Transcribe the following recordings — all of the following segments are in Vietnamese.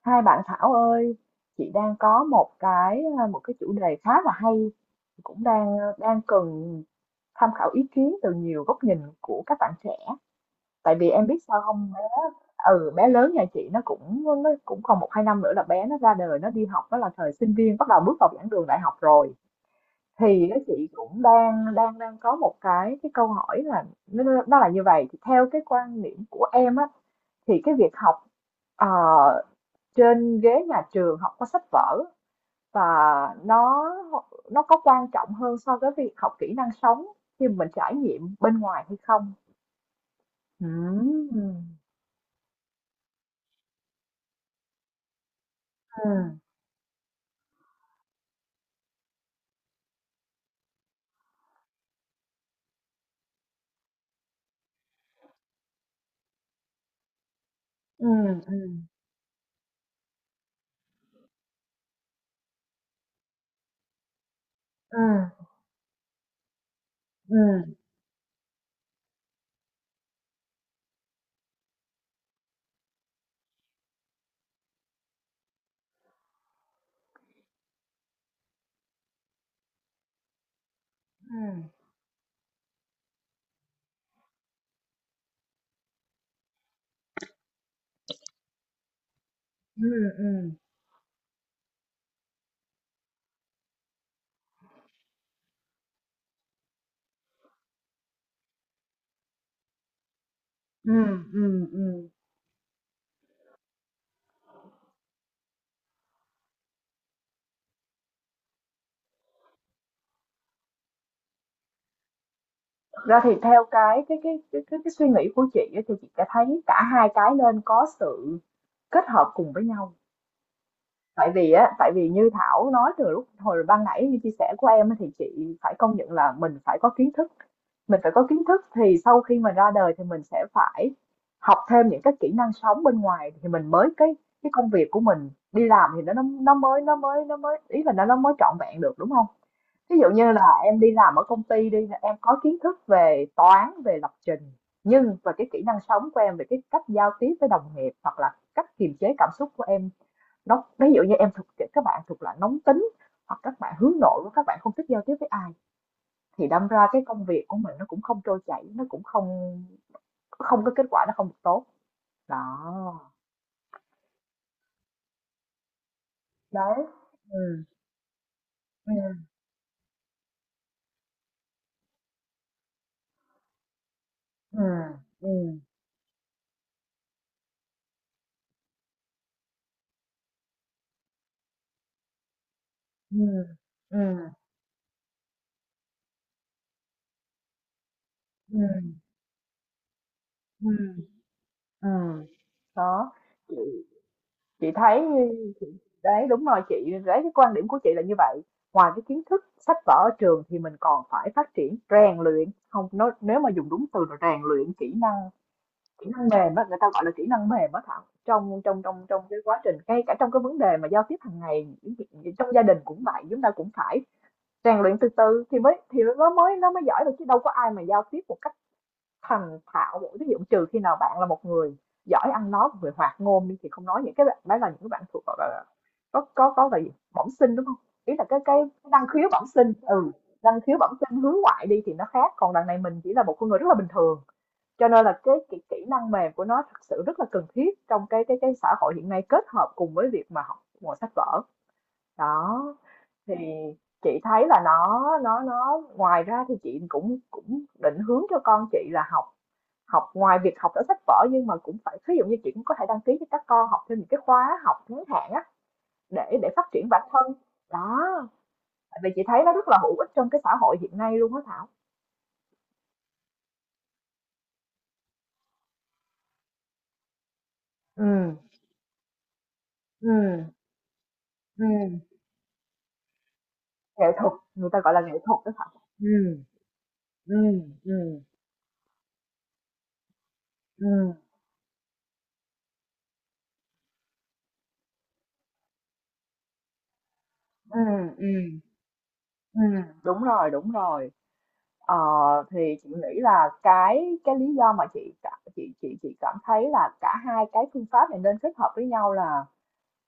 Hai bạn Thảo ơi, chị đang có một cái một cái chủ đề khá là hay cũng đang cần tham khảo ý kiến từ nhiều góc nhìn của các bạn trẻ. Tại vì em biết sao không bé. Bé lớn nhà chị nó cũng còn một hai năm nữa là bé nó ra đời, nó đi học, nó là thời sinh viên, bắt đầu bước vào giảng đường đại học rồi. Thì nó Chị cũng đang đang đang có một cái câu hỏi là nó là như vậy. Thì theo cái quan niệm của em á, thì cái việc học ờ, trên ghế nhà trường, học có sách vở và nó nó có quan trọng hơn so với việc học kỹ năng sống khi mình trải nghiệm bên ngoài hay không? Ừ. ừ ừ ừ ừ ừ ừ ừ ừ ừ Ừm. Thực ra thì theo cái suy nghĩ của chị á, thì chị đã thấy cả hai cái nên có sự kết hợp cùng với nhau. Tại vì như Thảo nói từ lúc hồi ban nãy, như chia sẻ của em á, thì chị phải công nhận là mình phải có kiến thức. Thì sau khi mà ra đời thì mình sẽ phải học thêm những cái kỹ năng sống bên ngoài, thì mình mới cái công việc của mình đi làm thì nó mới nó mới nó mới ý là nó mới trọn vẹn được, đúng không? Ví dụ như là em đi làm ở công ty đi, em có kiến thức về toán, về lập trình, nhưng và cái kỹ năng sống của em về cái cách giao tiếp với đồng nghiệp hoặc là cách kiềm chế cảm xúc của em, ví dụ như em thuộc các bạn thuộc loại nóng tính, hoặc các bạn hướng nội, các bạn không thích giao tiếp với ai, thì đâm ra cái công việc của mình nó cũng không trôi chảy, nó cũng không không có kết quả, nó không được tốt. Đó. Đấy. Ừm, ừm, ừm, ừm, ừm, ừm, ừm, ừm, ừm. Đó. Chị chị thấy đấy, đúng rồi chị, đấy cái quan điểm của chị là như vậy. Ngoài cái kiến thức sách vở ở trường thì mình còn phải phát triển rèn luyện, không nói, nếu mà dùng đúng từ là rèn luyện kỹ năng mềm á, người ta gọi là kỹ năng mềm á Thảo, trong trong trong trong cái quá trình, ngay cả trong cái vấn đề mà giao tiếp hàng ngày, những chuyện- trong gia đình cũng vậy, chúng ta cũng phải rèn luyện từ từ thì mới thì nó mới giỏi được, chứ đâu có ai mà giao tiếp một cách thành thạo được. Ví dụ trừ khi nào bạn là một người giỏi ăn nói, một người hoạt ngôn đi, thì không nói. Những cái bạn đấy là những cái bạn thuộc gọi là có là gì, bẩm sinh đúng không, ý là cái năng khiếu bẩm sinh, năng khiếu bẩm sinh hướng ngoại đi thì nó khác, còn đằng này mình chỉ là một con người rất là bình thường, cho nên là cái kỹ năng mềm của nó thật sự rất là cần thiết trong cái xã hội hiện nay, kết hợp cùng với việc mà học ngồi sách vở. Đó, thì chị thấy là nó ngoài ra thì chị cũng cũng định hướng cho con chị là học học ngoài việc học ở sách vở, nhưng mà cũng phải ví dụ như chị cũng có thể đăng ký cho các con học thêm những cái khóa học ngắn hạn á, để phát triển bản thân. Đó, tại vì chị thấy nó rất là hữu ích trong cái xã hội hiện nay luôn á Thảo. ừ ừ ừ Nghệ thuật, người ta gọi là nghệ thuật đó Thảo. ừ Ừ, ừ, ừ, ừ, ừ, ừm, đúng rồi, đúng rồi. Ờ, thì chị nghĩ là cái lý do mà chị cảm thấy là cả hai cái phương pháp này nên kết hợp với nhau là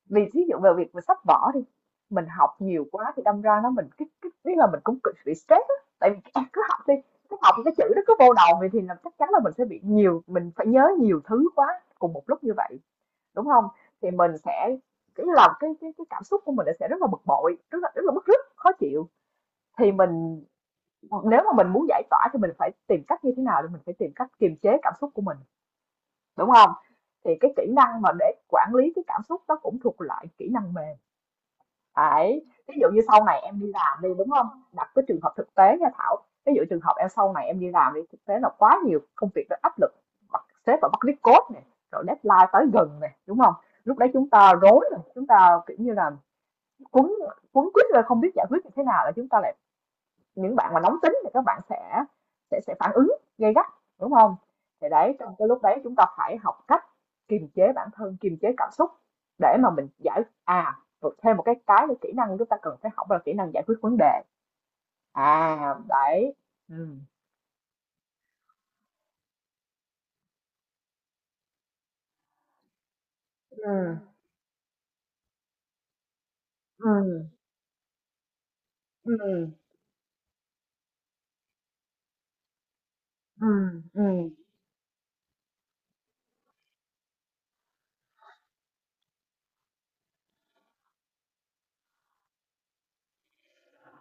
vì ví dụ về việc về sách vở đi, mình học nhiều quá thì đâm ra nó mình cái biết là mình cũng cực bị stress á, tại vì em cứ học đi, cứ học cái chữ đó cứ vô đầu vậy, thì là chắc chắn là mình sẽ bị nhiều mình phải nhớ nhiều thứ quá cùng một lúc như vậy đúng không, thì mình sẽ cái là cái cảm xúc của mình sẽ rất là bực bội, rất là bức rứt khó chịu, thì mình nếu mà mình muốn giải tỏa thì mình phải tìm cách như thế nào, thì mình phải tìm cách kiềm chế cảm xúc của mình đúng không, thì cái kỹ năng mà để quản lý cái cảm xúc đó cũng thuộc loại kỹ năng mềm. Đấy, ví dụ như sau này em đi làm đi đúng không? Đặt cái trường hợp thực tế nha Thảo. Ví dụ trường hợp em sau này em đi làm đi, thực tế là quá nhiều công việc nó áp lực, bắt sếp và bắt viết code này, rồi deadline tới gần này, đúng không? Lúc đấy chúng ta rối rồi, chúng ta kiểu như là quấn quấn quýt rồi không biết giải quyết như thế nào, là chúng ta lại những bạn mà nóng tính thì các bạn sẽ phản ứng gay gắt, đúng không? Thì đấy, trong cái lúc đấy chúng ta phải học cách kiềm chế bản thân, kiềm chế cảm xúc để mà rồi thêm một cái kỹ năng chúng ta cần phải học là kỹ năng giải quyết vấn đề. À, đấy. ừ ừ ừ ừ ừm, ừm,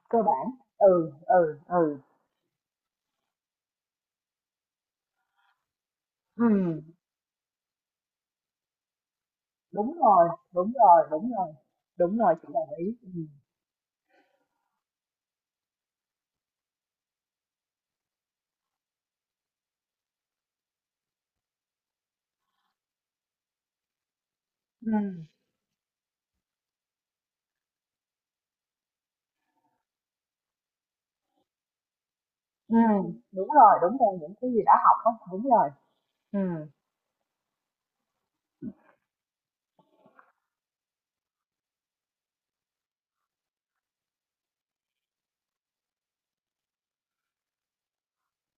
cơ bản. Ừ, ừ, ừ, ừm, đúng rồi, đúng rồi, đúng rồi, đúng rồi, chị đồng ý. ừ ừ đúng rồi, những cái gì đã học á, đúng rồi. Ừ,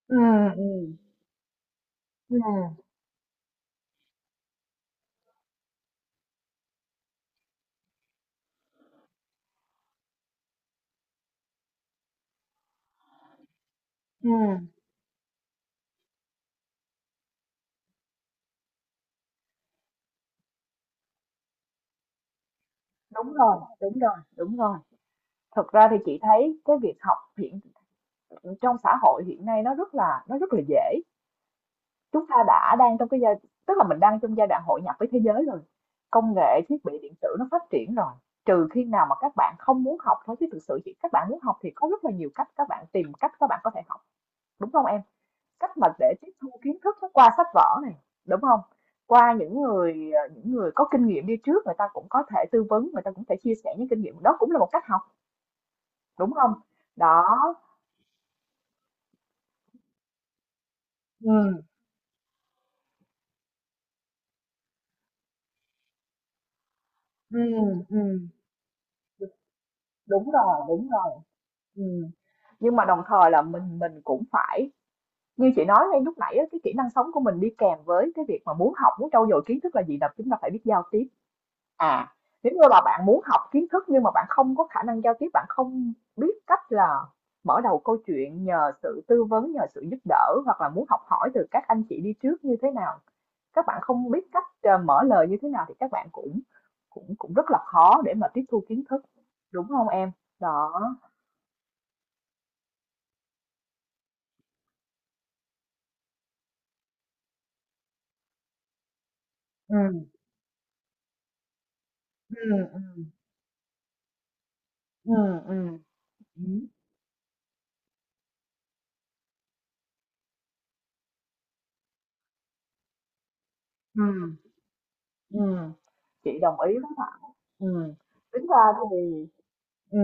ừ, ừ, ừ, ừm, đúng rồi, đúng rồi, đúng rồi. Thật ra thì chị thấy cái việc học trong xã hội hiện nay nó rất là dễ. Chúng ta đang trong cái tức là mình đang trong giai đoạn hội nhập với thế giới rồi. Công nghệ, thiết bị điện tử nó phát triển rồi. Trừ khi nào mà các bạn không muốn học thôi, chứ thực sự các bạn muốn học thì có rất là nhiều cách, các bạn tìm cách các bạn có thể học. Đúng không em? Cách mà để tiếp thu kiến thức nó qua sách vở này, đúng không? Qua những người, những người có kinh nghiệm đi trước, người ta cũng có thể tư vấn, người ta cũng thể chia sẻ những kinh nghiệm, đó cũng là một cách học, đúng không? Đó, ừm, ừm, ừm, đúng rồi, đúng rồi, ừm. Nhưng mà đồng thời là mình cũng phải như chị nói ngay lúc nãy á, cái kỹ năng sống của mình đi kèm với cái việc mà muốn học, muốn trau dồi kiến thức là gì? Là chúng ta phải biết giao tiếp. À, nếu như là bạn muốn học kiến thức nhưng mà bạn không có khả năng giao tiếp, bạn không biết cách là mở đầu câu chuyện, nhờ sự tư vấn, nhờ sự giúp đỡ hoặc là muốn học hỏi từ các anh chị đi trước như thế nào, các bạn không biết cách mở lời như thế nào, thì các bạn cũng cũng cũng rất là khó để mà tiếp thu kiến thức, đúng không em? Đó. Ừ, ừ, ừ, ừ, ừ, ừ, ừ, ừ. Chị đồng ý với bạn. Ừ. Tính ra thì ừ.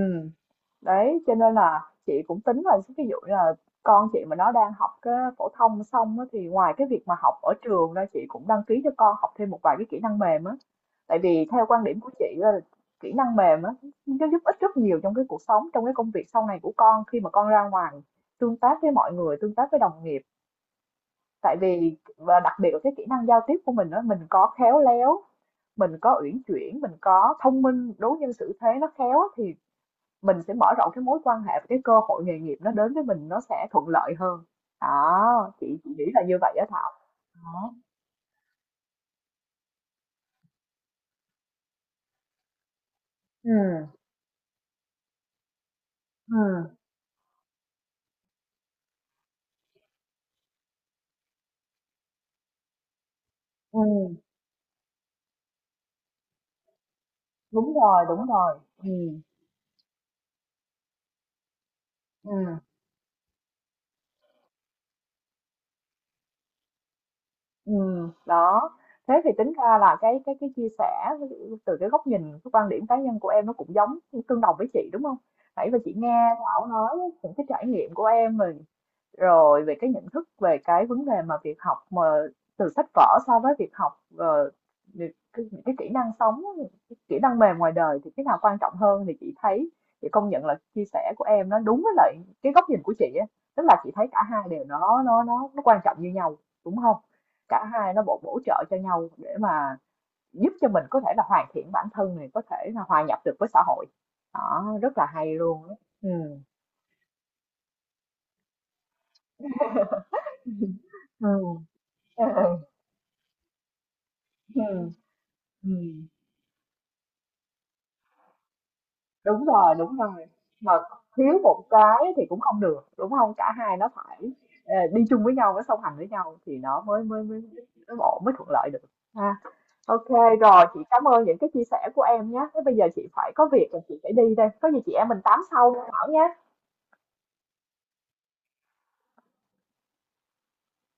Đấy, cho nên là chị cũng tính là ví dụ như là con chị mà nó đang học cái phổ thông xong á, thì ngoài cái việc mà học ở trường ra, chị cũng đăng ký cho con học thêm một vài cái kỹ năng mềm á. Tại vì theo quan điểm của chị là kỹ năng mềm á nó giúp ích rất nhiều trong cái cuộc sống, trong cái công việc sau này của con khi mà con ra ngoài tương tác với mọi người, tương tác với đồng nghiệp. Tại vì và đặc biệt là cái kỹ năng giao tiếp của mình đó, mình có khéo léo, mình có uyển chuyển, mình có thông minh, đối nhân xử thế nó khéo á, thì mình sẽ mở rộng cái mối quan hệ, và cái cơ hội nghề nghiệp nó đến với mình nó sẽ thuận lợi hơn. Đó, chị nghĩ là như vậy á Thảo. Đó. ừ ừm, ừm, đúng rồi, đúng rồi. Ừm. Đó. Thế thì tính ra là cái chia sẻ từ cái góc nhìn, cái quan điểm cá nhân của em nó cũng tương đồng với chị, đúng không? Nãy giờ chị nghe Thảo nói những cái trải nghiệm của em rồi, về cái nhận thức về cái vấn đề mà việc học mà từ sách vở so với việc học, ờ, những cái kỹ năng sống, những cái kỹ năng mềm ngoài đời thì cái nào quan trọng hơn, thì chị thấy chị công nhận là chia sẻ của em nó đúng với lại cái góc nhìn của chị á, tức là chị thấy cả hai đều nó quan trọng như nhau, đúng không? Cả hai nó bổ bổ trợ cho nhau để mà giúp cho mình có thể là hoàn thiện bản thân này, có thể là hòa nhập được với xã hội. Đó, rất là hay luôn á. Ừm. Ừm, ừm, ừm, Đúng rồi, đúng rồi. Mà thiếu một cái thì cũng không được, đúng không? Cả hai nó phải, đi chung với nhau, nó song hành với nhau, thì nó mới mới ổn, mới thuận lợi được ha. Ok rồi, chị cảm ơn những cái chia sẻ của em nhé. Thế bây giờ chị phải có việc rồi, chị phải đi đây, có gì chị em mình tám sau nha Thảo nhá.